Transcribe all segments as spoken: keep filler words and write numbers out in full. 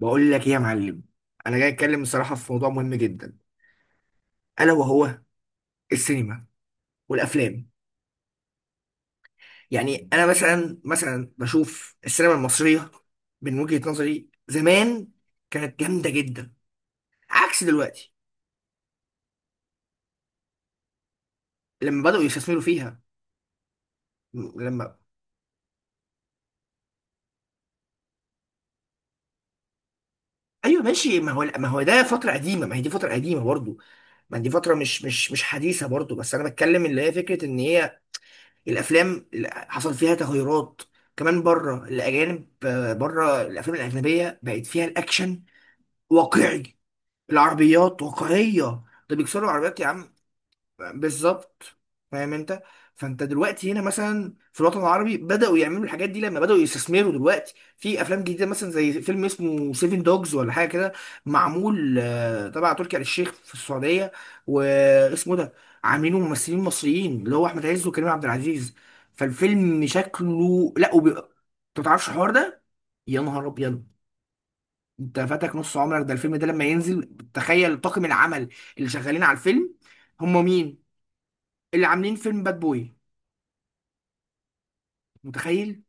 بقول لك ايه يا معلم. انا جاي اتكلم الصراحه في موضوع مهم جدا. الا وهو السينما والافلام. يعني انا مثلا مثلا بشوف السينما المصريه من وجهه نظري زمان كانت جامده جدا عكس دلوقتي لما بداوا يستثمروا فيها. م- لما ايوه ماشي، ما هو ما هو ده فتره قديمه، ما هي دي فتره قديمه برضو. ما دي فتره مش مش مش حديثه برضو، بس انا بتكلم اللي هي فكره ان هي الافلام اللي حصل فيها تغيرات كمان بره. الاجانب، آه، بره الافلام الاجنبيه بقت فيها الاكشن واقعي، العربيات واقعيه، ده بيكسروا العربيات يا عم. بالظبط، فاهم انت. فانت دلوقتي هنا مثلا في الوطن العربي بداوا يعملوا الحاجات دي لما بداوا يستثمروا دلوقتي في افلام جديده مثلا زي فيلم اسمه سيفن دوجز ولا حاجه كده معمول، آه، تبع تركي آل الشيخ في السعوديه. واسمه ده عاملينه ممثلين مصريين اللي هو احمد عز وكريم عبد العزيز. فالفيلم شكله لا وبي... انت ما تعرفش الحوار ده؟ يا نهار ابيض، انت فاتك نص عمرك. ده الفيلم ده لما ينزل تخيل طاقم العمل اللي شغالين على الفيلم هم مين؟ اللي عاملين فيلم باد بوي. متخيل؟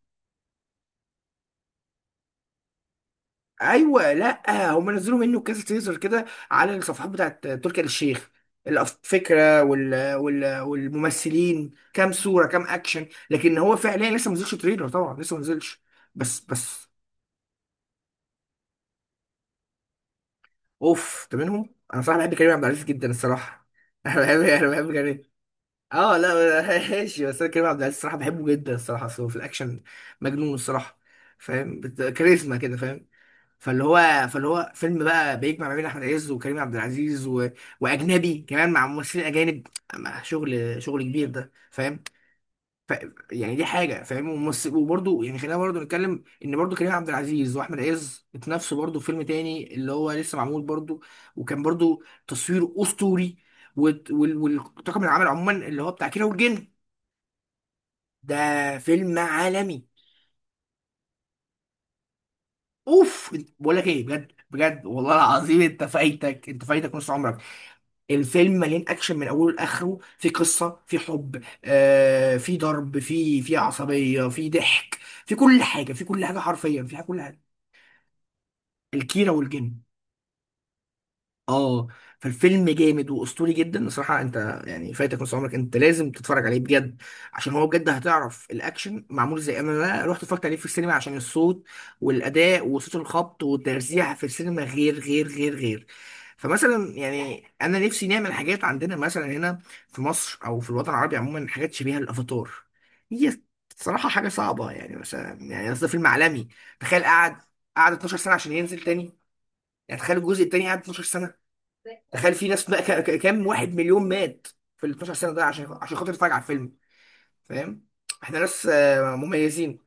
ايوه لا هم نزلوا منه كذا تيزر كده على الصفحات بتاعت تركي آل الشيخ. الفكره وال... وال... والممثلين كام صوره كام اكشن، لكن هو فعليا لسه ما نزلش تريلر، طبعا لسه ما نزلش. بس بس اوف، ده منهم. انا صراحه بحب كريم عبد العزيز جدا الصراحه. انا بحب انا بحب كريم. اه لا. ماشي، بس انا كريم عبد العزيز الصراحه بحبه جدا الصراحه. أصل هو في الاكشن مجنون الصراحه. فاهم؟ بت- كاريزما كده فاهم؟ فاللي هو فاللي هو فيلم بقى بيجمع ما بين احمد عز وكريم عبد العزيز و... واجنبي كمان، مع ممثلين اجانب، مع شغل، شغل كبير ده فاهم. ف... يعني دي حاجه فاهم. وممثل وبرده يعني خلينا برده نتكلم ان برده كريم عبد العزيز واحمد عز اتنافسوا برده في فيلم تاني اللي هو لسه معمول برده، وكان برده تصوير اسطوري. وت- وال... والطاقم العمل عموما اللي هو بتاع كيرة والجن. ده فيلم عالمي. اوف، بقول لك ايه بجد بجد والله العظيم، انت فايتك، انت فايتك نص عمرك. الفيلم مليان اكشن من اوله لاخره، في قصه، في حب، آه، في ضرب، في في عصبيه، في ضحك، في كل حاجه، في كل حاجه، حرفيا في كل حاجه. الكيره والجن، اه. فالفيلم جامد واسطوري جدا الصراحه، انت يعني فايتك نص عمرك، انت لازم تتفرج عليه بجد عشان هو بجد هتعرف الاكشن معمول زي انا. أنا رحت اتفرجت عليه في السينما عشان الصوت والاداء وصوت الخبط والترزيع في السينما غير غير غير غير. فمثلا يعني انا نفسي نعمل حاجات عندنا مثلا هنا في مصر او في الوطن العربي عموما، حاجات شبيهه للافاتار. هي صراحه حاجه صعبه، يعني مثلا يعني قصدي فيلم عالمي. تخيل، قعد قعد اتناشر سنة سنه عشان ينزل تاني. يعني تخيل الجزء التاني قعد اتناشر. تخيل في ناس بقى ك- ك- كام واحد مليون مات في ال اثنا عشر سنة سنه ده عشان، عشان خاطر يتفرج على الفيلم. فاهم، احنا ناس، آه، مميزين.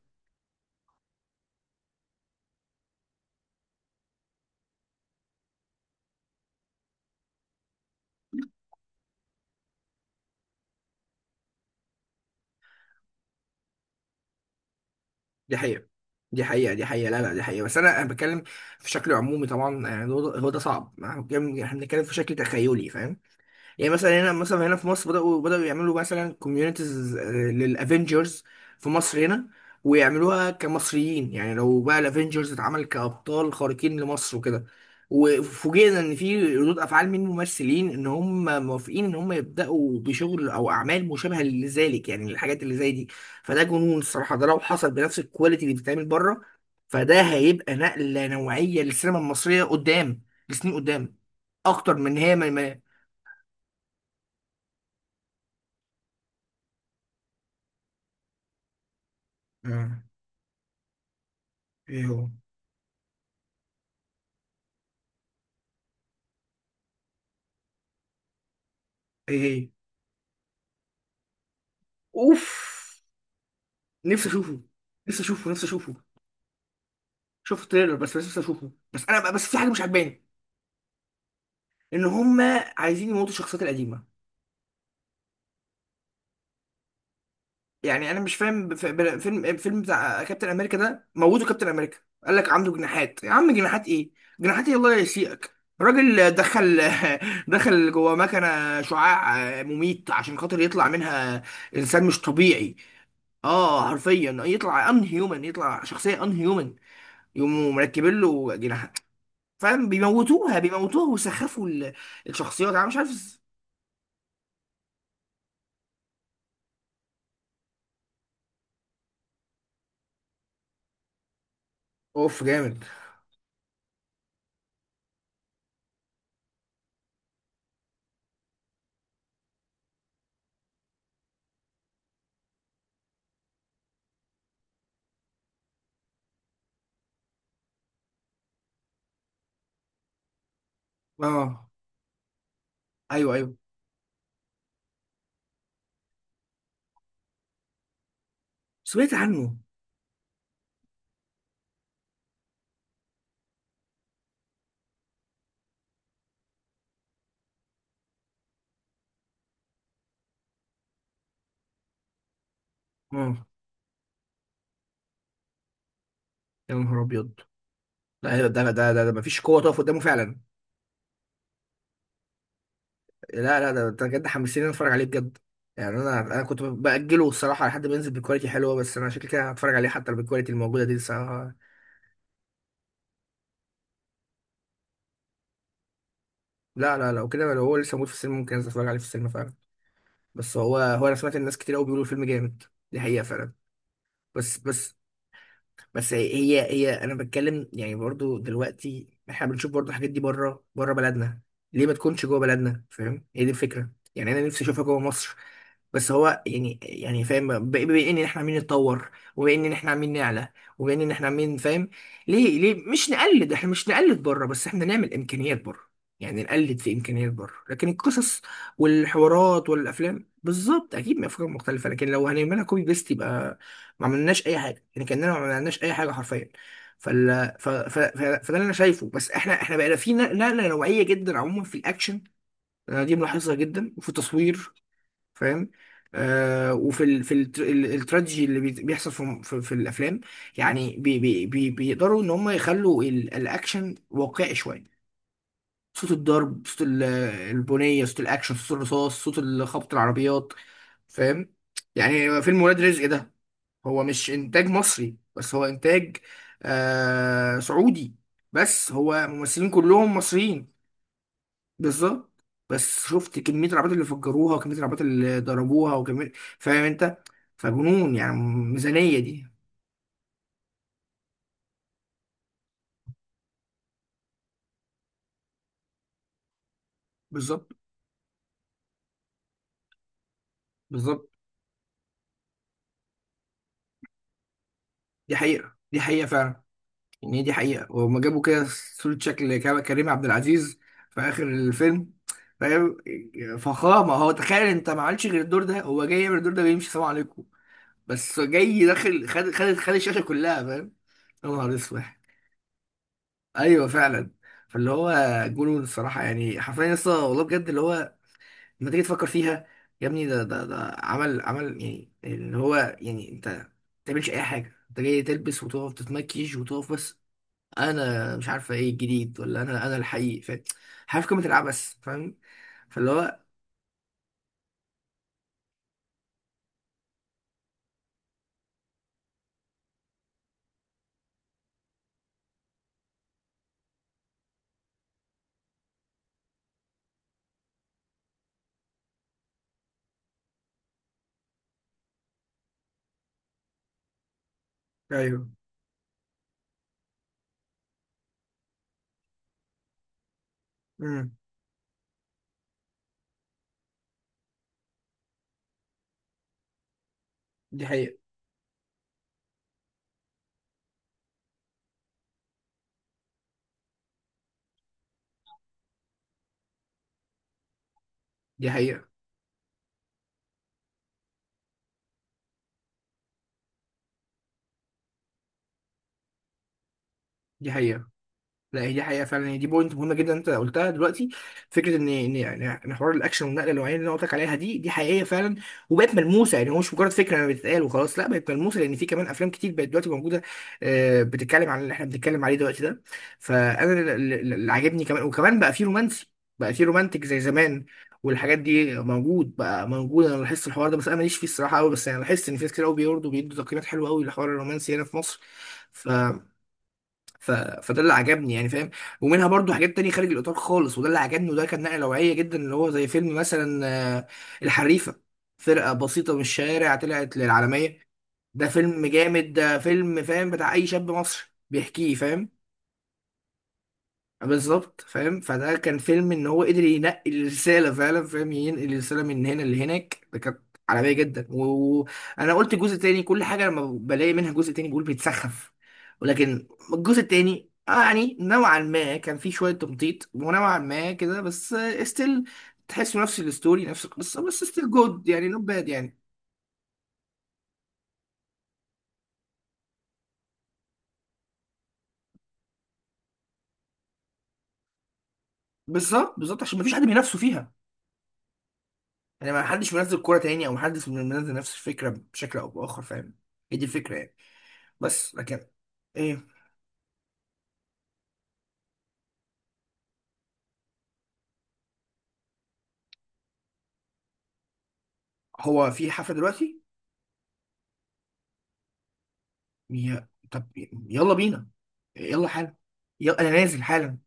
دي حقيقه دي حقيقه دي حقيقه، لا لا دي حقيقه. بس انا، أنا بتكلم في شكل عمومي طبعا، يعني هو ده هو ده صعب. يعني احنا بنتكلم في شكل تخيلي فاهم. يعني مثلا هنا، مثلا هنا في مصر بدأوا بدأوا يعملوا مثلا كوميونيتيز للافنجرز في مصر هنا، ويعملوها كمصريين. يعني لو بقى الافنجرز اتعمل كأبطال خارقين لمصر وكده، وفوجئنا ان في ردود افعال من ممثلين ان هم موافقين ان هم يبداوا بشغل او اعمال مشابهه لذلك، يعني الحاجات اللي زي دي، فده جنون الصراحه. ده لو حصل بنفس الكواليتي اللي بتتعمل بره فده هيبقى نقله نوعيه للسينما المصريه قدام، لسنين قدام. اكتر من هي ما. ما- ايه هو؟ ايه هي؟ اوف، نفسي اشوفه، نفسي اشوفه، نفسي اشوفه. شفت التريلر، بس بس نفسي اشوفه. بس انا بس في حاجه مش عجباني، ان هما عايزين يموتوا الشخصيات القديمه. يعني انا مش فاهم، بف- بل- فيلم، فيلم بتاع كابتن امريكا ده موتوا كابتن امريكا. قال لك عنده جناحات. يا عم، جناحات ايه؟ جناحات ايه، الله يسيئك؟ الراجل دخل. دخل جوه مكنه شعاع مميت عشان خاطر يطلع منها انسان مش طبيعي. اه، حرفيا يطلع ان هيومن، يطلع شخصيه ان هيومن. يقوموا مركبين له جناح، فاهم. بيموتوها بيموتوها ويسخفوا ال- الشخصيات. انا مش عارف. اوف، جامد. اه، ايوه ايوه، سمعت عنه. اه يا نهار ابيض. لا ده ده ده, ده مفيش قوه تقف قدامه فعلا. لا لا، ده انت بجد حمسني إن أنا اتفرج عليه بجد. يعني انا انا كنت باجله الصراحه لحد ما ينزل بكواليتي حلوه، بس انا شكلي كده هتفرج عليه حتى لو بالكواليتي الموجوده دي لسه. لا لا، لو كده لو هو لسه موجود في السينما ممكن انزل اتفرج عليه في السينما فعلا. بس هو هو انا سمعت الناس كتير قوي بيقولوا الفيلم جامد. دي حقيقه فعلا. بس بس بس هي هي انا بتكلم يعني برضو دلوقتي احنا بنشوف برضو الحاجات دي بره، بره بلدنا. ليه ما تكونش جوه بلدنا؟ فاهم، هي دي الفكره. يعني انا نفسي اشوفها جوه مصر. بس هو يعني يعني فاهم، ب- بما ان احنا عمالين نتطور، وبما ان احنا عمالين نعلى، وبما ان احنا عمالين، فاهم، ليه ليه مش نقلد؟ احنا مش نقلد بره، بس احنا نعمل امكانيات بره. يعني نقلد في امكانيات بره لكن القصص والحوارات والافلام بالظبط اكيد من افكار مختلفه، لكن لو هنعملها كوبي بيست يبقى ما عملناش اي حاجه، يعني كاننا ما عملناش اي حاجه حرفيا. فال ف... ف... ف... فده اللي انا شايفه. بس احنا، احنا بقينا في نقله نوعيه جدا عموما في الاكشن. أنا دي ملاحظها جدا، وفي التصوير فاهم. آه، وفي ال في التر- ال- التراجيدي اللي بي- بيحصل في، في, في الافلام. يعني بي بي بي بيقدروا ان هم يخلوا ال- الاكشن واقعي شويه. صوت الضرب، صوت ال- البنيه، صوت الاكشن، صوت الرصاص، صوت خبط العربيات، فاهم. يعني فيلم ولاد رزق ده هو مش انتاج مصري، بس هو انتاج، آه، سعودي، بس هو ممثلين كلهم مصريين. بالظبط. بس شفت كمية العربيات اللي فجروها وكمية العربيات اللي ضربوها وكمية، فاهم انت، فجنون يعني ميزانية دي. بالظبط بالظبط. دي حقيقة دي حقيقة فعلا، ان هي دي حقيقة. وهم جابوا كده صورة شكل كا- كريم عبد العزيز في آخر الفيلم فاهم. فخامة. هو تخيل انت، ما عملش غير الدور ده، هو جاي يعمل الدور ده بيمشي سلام عليكم. بس جاي داخل خد خد خد الشاشة كلها فاهم. يا نهار اسود. ايوه فعلا. فاللي هو جنون الصراحه، يعني حرفيا لسه والله بجد، اللي هو لما تيجي تفكر فيها، يا ابني ده ده ده عمل عمل يعني، اللي هو يعني انت ما تعملش اي حاجه، انت جاي تلبس وتقف تتمكيش وتقف بس. انا مش عارفه ايه الجديد ولا انا، انا الحقيقي فاهم، عارف قيمه العبث فاهم. فاللي هو ايوه، امم، دي حقيقه دي حقيقه دي حقيقه، لا هي دي حقيقه فعلا. هي دي بوينت مهمه جدا انت قلتها دلوقتي. فكره ان ان يعني ان حوار الاكشن والنقله النوعيه اللي انا قلت لك عليها دي دي حقيقيه فعلا، وبقت ملموسه، يعني هو مش مجرد فكره انا بتتقال وخلاص، لا، بقت ملموسه لان في كمان افلام كتير بقت دلوقتي موجوده، آه، بتتكلم عن اللي احنا بنتكلم عليه دلوقتي ده. فانا ال- ال- اللي عاجبني كمان وكمان بقى في رومانسي، بقى في رومانتك زي زمان. والحاجات دي موجود بقى، موجود. انا لاحظت الحوار ده بس انا ماليش فيه الصراحه قوي، بس انا لاحظت ان في ناس كتير قوي بيوردوا بيدوا تقييمات حلوه قوي للحوار الرومانسي هنا في مصر. ف... فده اللي عجبني يعني فاهم. ومنها برضو حاجات تانية خارج الإطار خالص، وده اللي عجبني، وده كان نقلة نوعية جدا اللي هو زي فيلم مثلا، آه، الحريفة، فرقة بسيطة من الشارع طلعت للعالمية. ده فيلم جامد، ده فيلم فاهم بتاع أي شاب مصري بيحكيه، فاهم. بالظبط فاهم. فده كان فيلم ان هو قدر ينقل الرساله فعلا، فاهم، ينقل الرساله من هنا لهناك، ده كانت عالميه جدا. وانا قلت جزء تاني كل حاجه لما بلاقي منها جزء تاني بقول بيتسخف، ولكن الجزء التاني آه يعني نوعا ما كان فيه شويه تمطيط ونوعا ما كده، بس ستيل تحس نفس الستوري نفس القصه، بس ستيل جود يعني نوت باد يعني. بالظبط بالظبط عشان مفيش حد بينافسه فيها، يعني ما حدش منزل كوره تاني او ما حدش منزل نفس الفكره بشكل او باخر فاهم. هي دي الفكره يعني. بس لكن ايه هو؟ في حفلة دلوقتي. يا طب يلا بينا، يلا حالا، يلا انا نازل حالا.